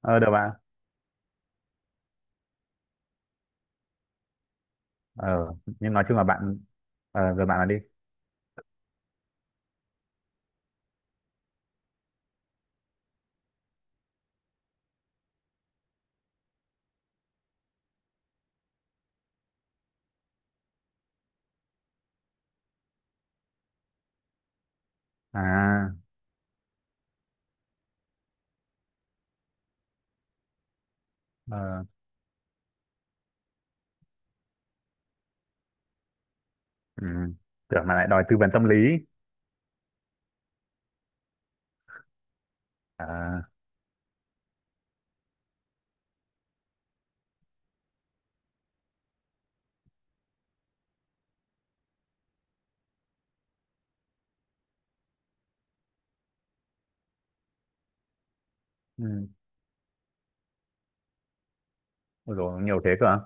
Ờ, được bạn. ờ nhưng nói chung là bạn, ờ, rồi bạn nói đi. À, ờ, ừ. Tưởng mà lại đòi tư vấn tâm lý. À, ừ. Ôi dồi, nhiều thế cơ à?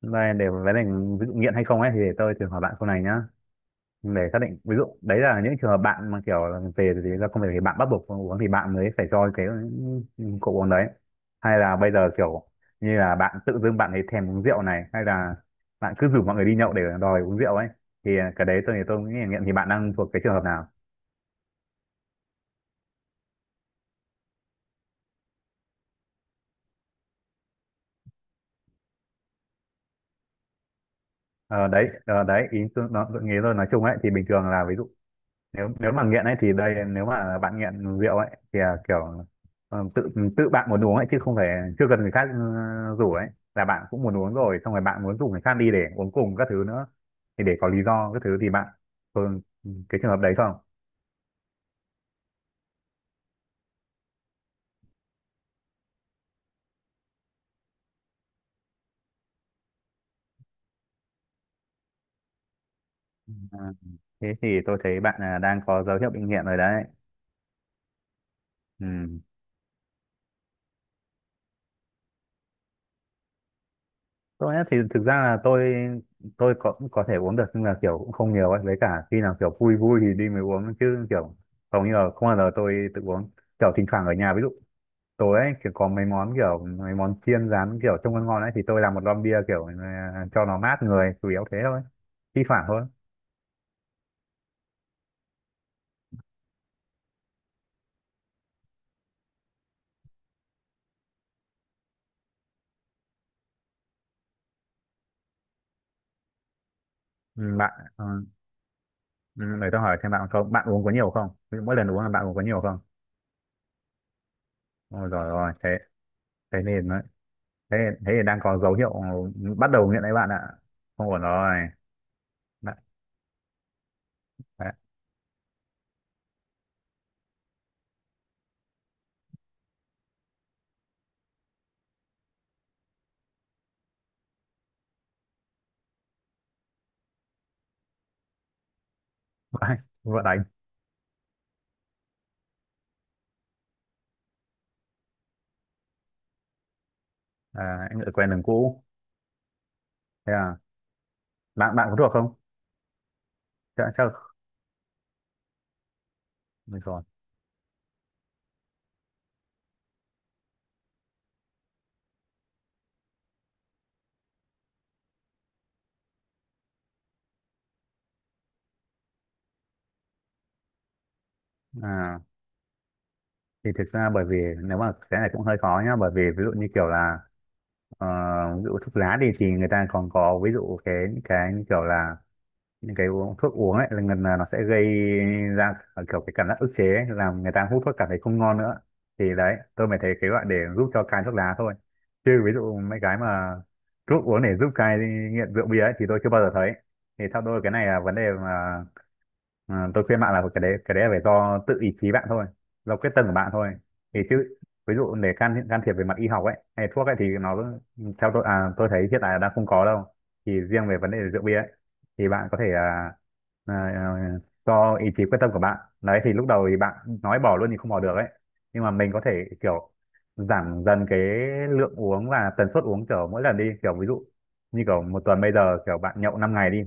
Đây để vấn đề, ví dụ nghiện hay không ấy thì để tôi thử hỏi bạn câu này nhá, để xác định. Ví dụ đấy là những trường hợp bạn mà kiểu là về thì ra công việc thì bạn bắt buộc phải uống thì bạn mới phải cho cái cậu uống đấy, hay là bây giờ kiểu như là bạn tự dưng bạn ấy thèm uống rượu này, hay là bạn cứ rủ mọi người đi nhậu để đòi uống rượu ấy, thì cái đấy tôi thì tôi nghĩ là nghiện. Thì bạn đang thuộc cái trường hợp nào? Ờ, đấy, đấy, ý tôi nó tôi nghĩ tôi nói chung ấy thì bình thường là ví dụ nếu nếu mà nghiện ấy thì đây, nếu mà bạn nghiện rượu ấy thì, kiểu tự tự bạn muốn uống ấy, chứ không phải chưa cần người khác rủ ấy, là bạn cũng muốn uống rồi xong rồi bạn muốn rủ người khác đi để uống cùng các thứ nữa, thì để có lý do các thứ, thì bạn thường cái trường hợp đấy không? À, thế thì tôi thấy bạn đang có dấu hiệu bị nghiện rồi đấy. Ừ. Tôi á thì thực ra là tôi có cũng có thể uống được, nhưng là kiểu cũng không nhiều ấy, với cả khi nào kiểu vui vui thì đi mới uống, chứ kiểu hầu như là không bao giờ tôi tự uống. Kiểu thỉnh thoảng ở nhà, ví dụ tối ấy kiểu có mấy món, kiểu mấy món chiên rán kiểu trông ngon ngon ấy, thì tôi làm một lon bia kiểu cho nó mát người, chủ yếu thế thôi, thi thoảng thôi. Ừ, bạn ừ, để tôi hỏi thêm bạn, không bạn uống có nhiều không? Ví dụ mỗi lần uống là bạn uống có nhiều không? Ôi rồi rồi, thế, thế nên đấy, thế thế thì đang có dấu hiệu bắt đầu nghiện đấy bạn ạ. Không ổn rồi bạn. Đấy, vợ đánh. À, anh lại quen đường cũ. Thế à? Bạn bạn có thuộc không? Chắc chắc rồi. À, thì thực ra bởi vì nếu mà cái này cũng hơi khó nhá, bởi vì ví dụ như kiểu là, ờ, ví dụ thuốc lá thì người ta còn có ví dụ cái những cái như kiểu là những cái uống thuốc uống ấy là gần là nó sẽ gây ra kiểu cái cảm giác ức chế ấy, làm người ta hút thuốc cảm thấy không ngon nữa. Thì đấy tôi mới thấy cái gọi để giúp cho cai thuốc lá thôi, chứ ví dụ mấy cái mà thuốc uống để giúp cai nghiện rượu bia ấy thì tôi chưa bao giờ thấy. Thì theo tôi cái này là vấn đề mà, tôi khuyên bạn là cái đấy, cái đấy là phải do tự ý chí bạn thôi, do quyết tâm của bạn thôi. Thì chứ ví dụ để can thiệp về mặt y học ấy hay thuốc ấy thì nó theo tôi à, tôi thấy hiện tại là đang không có đâu. Thì riêng về vấn đề rượu bia ấy, thì bạn có thể à, à, cho ý chí quyết tâm của bạn đấy thì lúc đầu thì bạn nói bỏ luôn thì không bỏ được ấy, nhưng mà mình có thể kiểu giảm dần cái lượng uống và tần suất uống, kiểu mỗi lần đi, kiểu ví dụ như kiểu một tuần bây giờ kiểu bạn nhậu 5 ngày đi,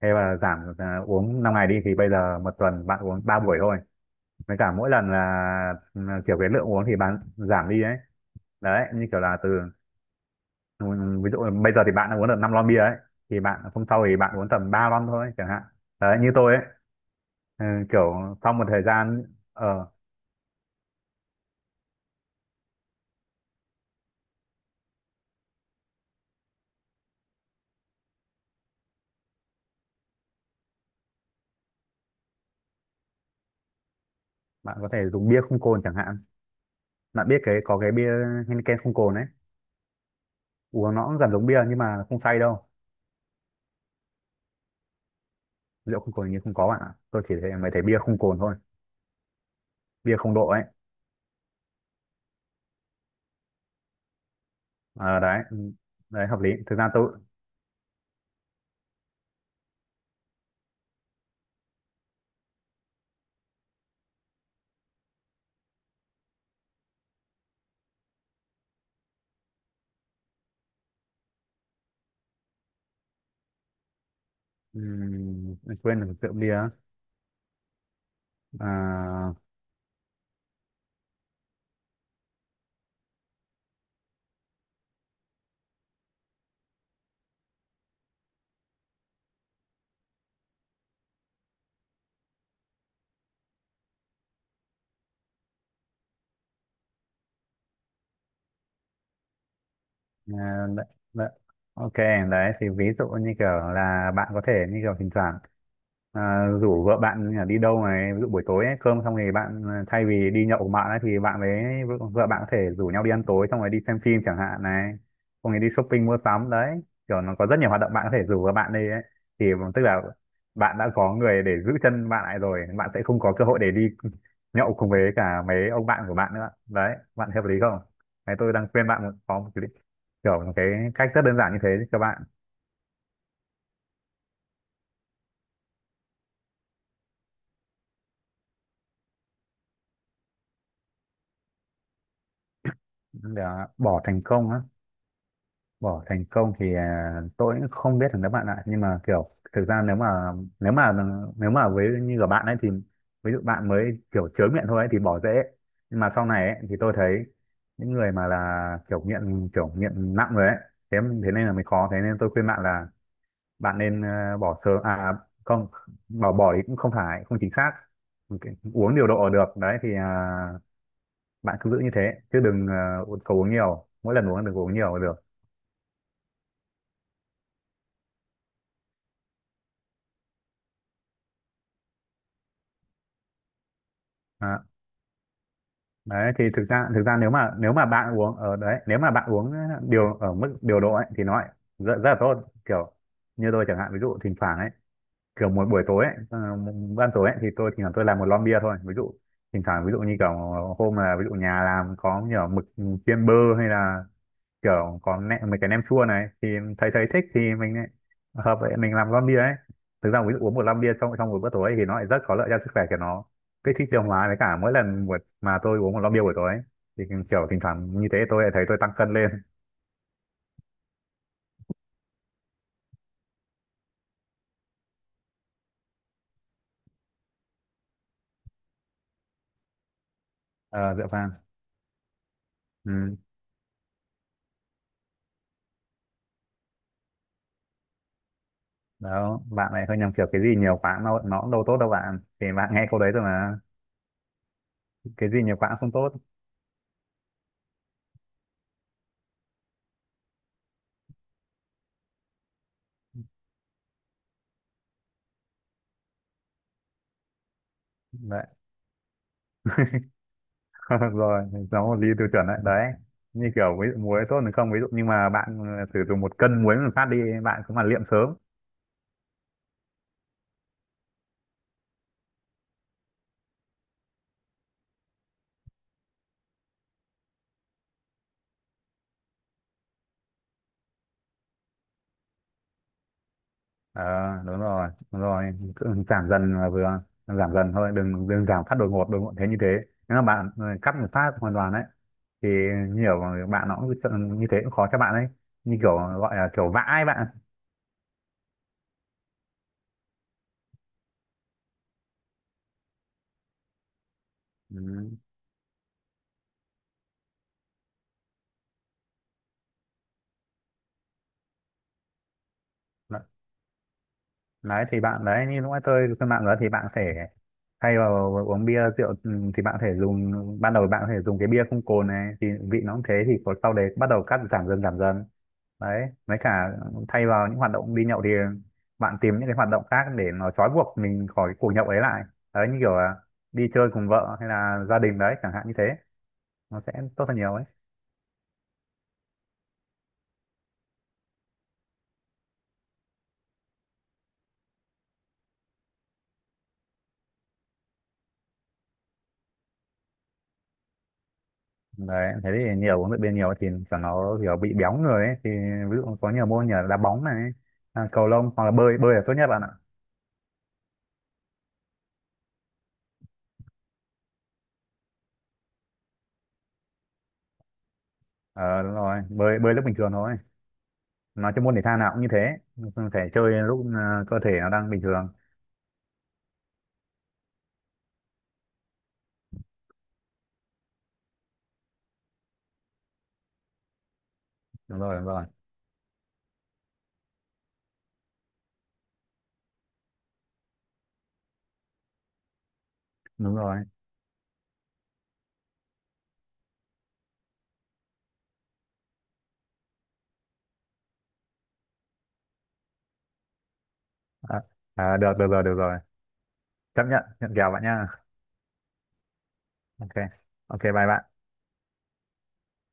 hay là giảm uống 5 ngày đi thì bây giờ một tuần bạn uống 3 buổi thôi, với cả mỗi lần là ừ, kiểu cái lượng uống thì bạn giảm đi ấy, đấy như kiểu là từ. Ừ, ví dụ là bây giờ thì bạn đã uống được 5 lon bia ấy, thì bạn hôm sau thì bạn uống tầm 3 lon thôi chẳng hạn, đấy như tôi ấy, ừ, kiểu sau một thời gian. Ờ, bạn có thể dùng bia không cồn chẳng hạn, bạn biết cái có cái bia Heineken không cồn ấy, uống nó cũng gần giống bia nhưng mà không say đâu. Rượu không cồn như không có bạn ạ, tôi chỉ thấy mới thấy bia không cồn thôi, bia không độ ấy. Ờ, đấy, ừ, đấy hợp lý thực ra tôi. Ừm, quên được rượu bia. À, à, đấy, đấy. Ok, đấy thì ví dụ như kiểu là bạn có thể như kiểu thỉnh thoảng rủ vợ bạn đi đâu này, ví dụ buổi tối ấy, cơm xong thì bạn thay vì đi nhậu cùng bạn ấy, thì bạn với vợ vợ bạn có thể rủ nhau đi ăn tối xong rồi đi xem phim chẳng hạn này, xong rồi đi shopping mua sắm đấy, kiểu nó có rất nhiều hoạt động bạn có thể rủ vợ bạn đi ấy, thì tức là bạn đã có người để giữ chân bạn lại rồi, bạn sẽ không có cơ hội để đi nhậu cùng với cả mấy ông bạn của bạn nữa, đấy, bạn thấy hợp lý không? Đấy, tôi đang khuyên bạn một có một kiểu một cái cách rất đơn giản như thế các bạn. Để bỏ thành công á? Bỏ thành công thì tôi cũng không biết được các bạn ạ, nhưng mà kiểu thực ra nếu mà nếu mà với như của bạn ấy thì, ví dụ bạn mới kiểu chớ nghiện thôi ấy, thì bỏ dễ, nhưng mà sau này ấy, thì tôi thấy những người mà là kiểu nghiện, kiểu nghiện nặng rồi ấy. Thế Thế nên là mới khó, thế nên tôi khuyên bạn là bạn nên bỏ sớm. À không, bỏ bỏ thì cũng không phải không chính xác. Ok, uống điều độ được đấy thì bạn cứ giữ như thế, chứ đừng uống- uống nhiều, mỗi lần uống đừng có uống nhiều là được. Đó, đấy thì thực ra, thực ra nếu mà bạn uống ở đấy, nếu mà bạn uống điều ở mức điều độ ấy, thì nó lại rất, rất là tốt, kiểu như tôi chẳng hạn, ví dụ thỉnh thoảng ấy kiểu một buổi tối ấy, ờ, một ban tối ấy thì tôi thỉnh thoảng tôi làm một lon bia thôi ví dụ. Thỉnh thoảng ví dụ như kiểu hôm là ví dụ nhà làm có nhiều mực chiên bơ, hay là kiểu có nem, mấy cái nem chua này thì thấy thấy thích thì mình lại hợp vậy mình làm lon bia ấy. Thực ra ví dụ uống một lon bia trong trong một bữa tối thì nó lại rất có lợi cho sức khỏe của nó, kích thích tiêu hóa, với cả mỗi lần một mà tôi uống một lon bia buổi tối ấy, thì kiểu thỉnh thoảng như thế tôi lại thấy tôi tăng cân lên. Ờ, rượu vang. Ừ. Đó bạn lại hơi nhầm, kiểu cái gì nhiều quá nó cũng đâu tốt đâu bạn, thì bạn nghe câu đấy rồi mà, cái gì nhiều quá cũng không tốt. Đấy. Rồi, nó một ly tiêu chuẩn đấy đấy, như kiểu ví dụ muối tốt thì không ví dụ, nhưng mà bạn sử dụng một cân muối một phát đi bạn cũng mà liệm sớm. Ờ, đúng rồi đúng rồi, cứ giảm dần là vừa, giảm dần thôi, đừng đừng giảm phát đột ngột thế, như thế nếu mà bạn cắt một phát hoàn toàn đấy, thì nhiều bạn nó cũng như thế cũng khó cho bạn ấy, như kiểu gọi là kiểu vãi bạn. Ừ. Đấy thì bạn đấy như lúc nãy tôi trên mạng đó thì bạn sẽ thay vào uống bia rượu ừ, thì bạn có thể dùng, ban đầu bạn có thể dùng cái bia không cồn này thì vị nó cũng thế thì có, sau đấy bắt đầu cắt giảm dần giảm dần. Đấy với cả thay vào những hoạt động đi nhậu thì bạn tìm những cái hoạt động khác để nó trói buộc mình khỏi cái cuộc nhậu ấy lại, đấy như kiểu là đi chơi cùng vợ hay là gia đình đấy chẳng hạn, như thế nó sẽ tốt hơn nhiều ấy. Đấy thế thì nhiều huấn luyện viên nhiều thì cho nó kiểu bị béo người ấy thì, ví dụ có nhiều môn như là đá bóng này, cầu lông, hoặc là bơi bơi là tốt nhất bạn ạ. Ờ, đúng rồi, bơi bơi lúc bình thường thôi, nói chung môn thể thao nào cũng như thế, phải chơi lúc cơ thể nó đang bình thường. Đúng rồi, đúng rồi, đúng rồi. À, à, được được rồi, được rồi, chấp nhận nhận kèo bạn nha. Ok, ok, bye bạn.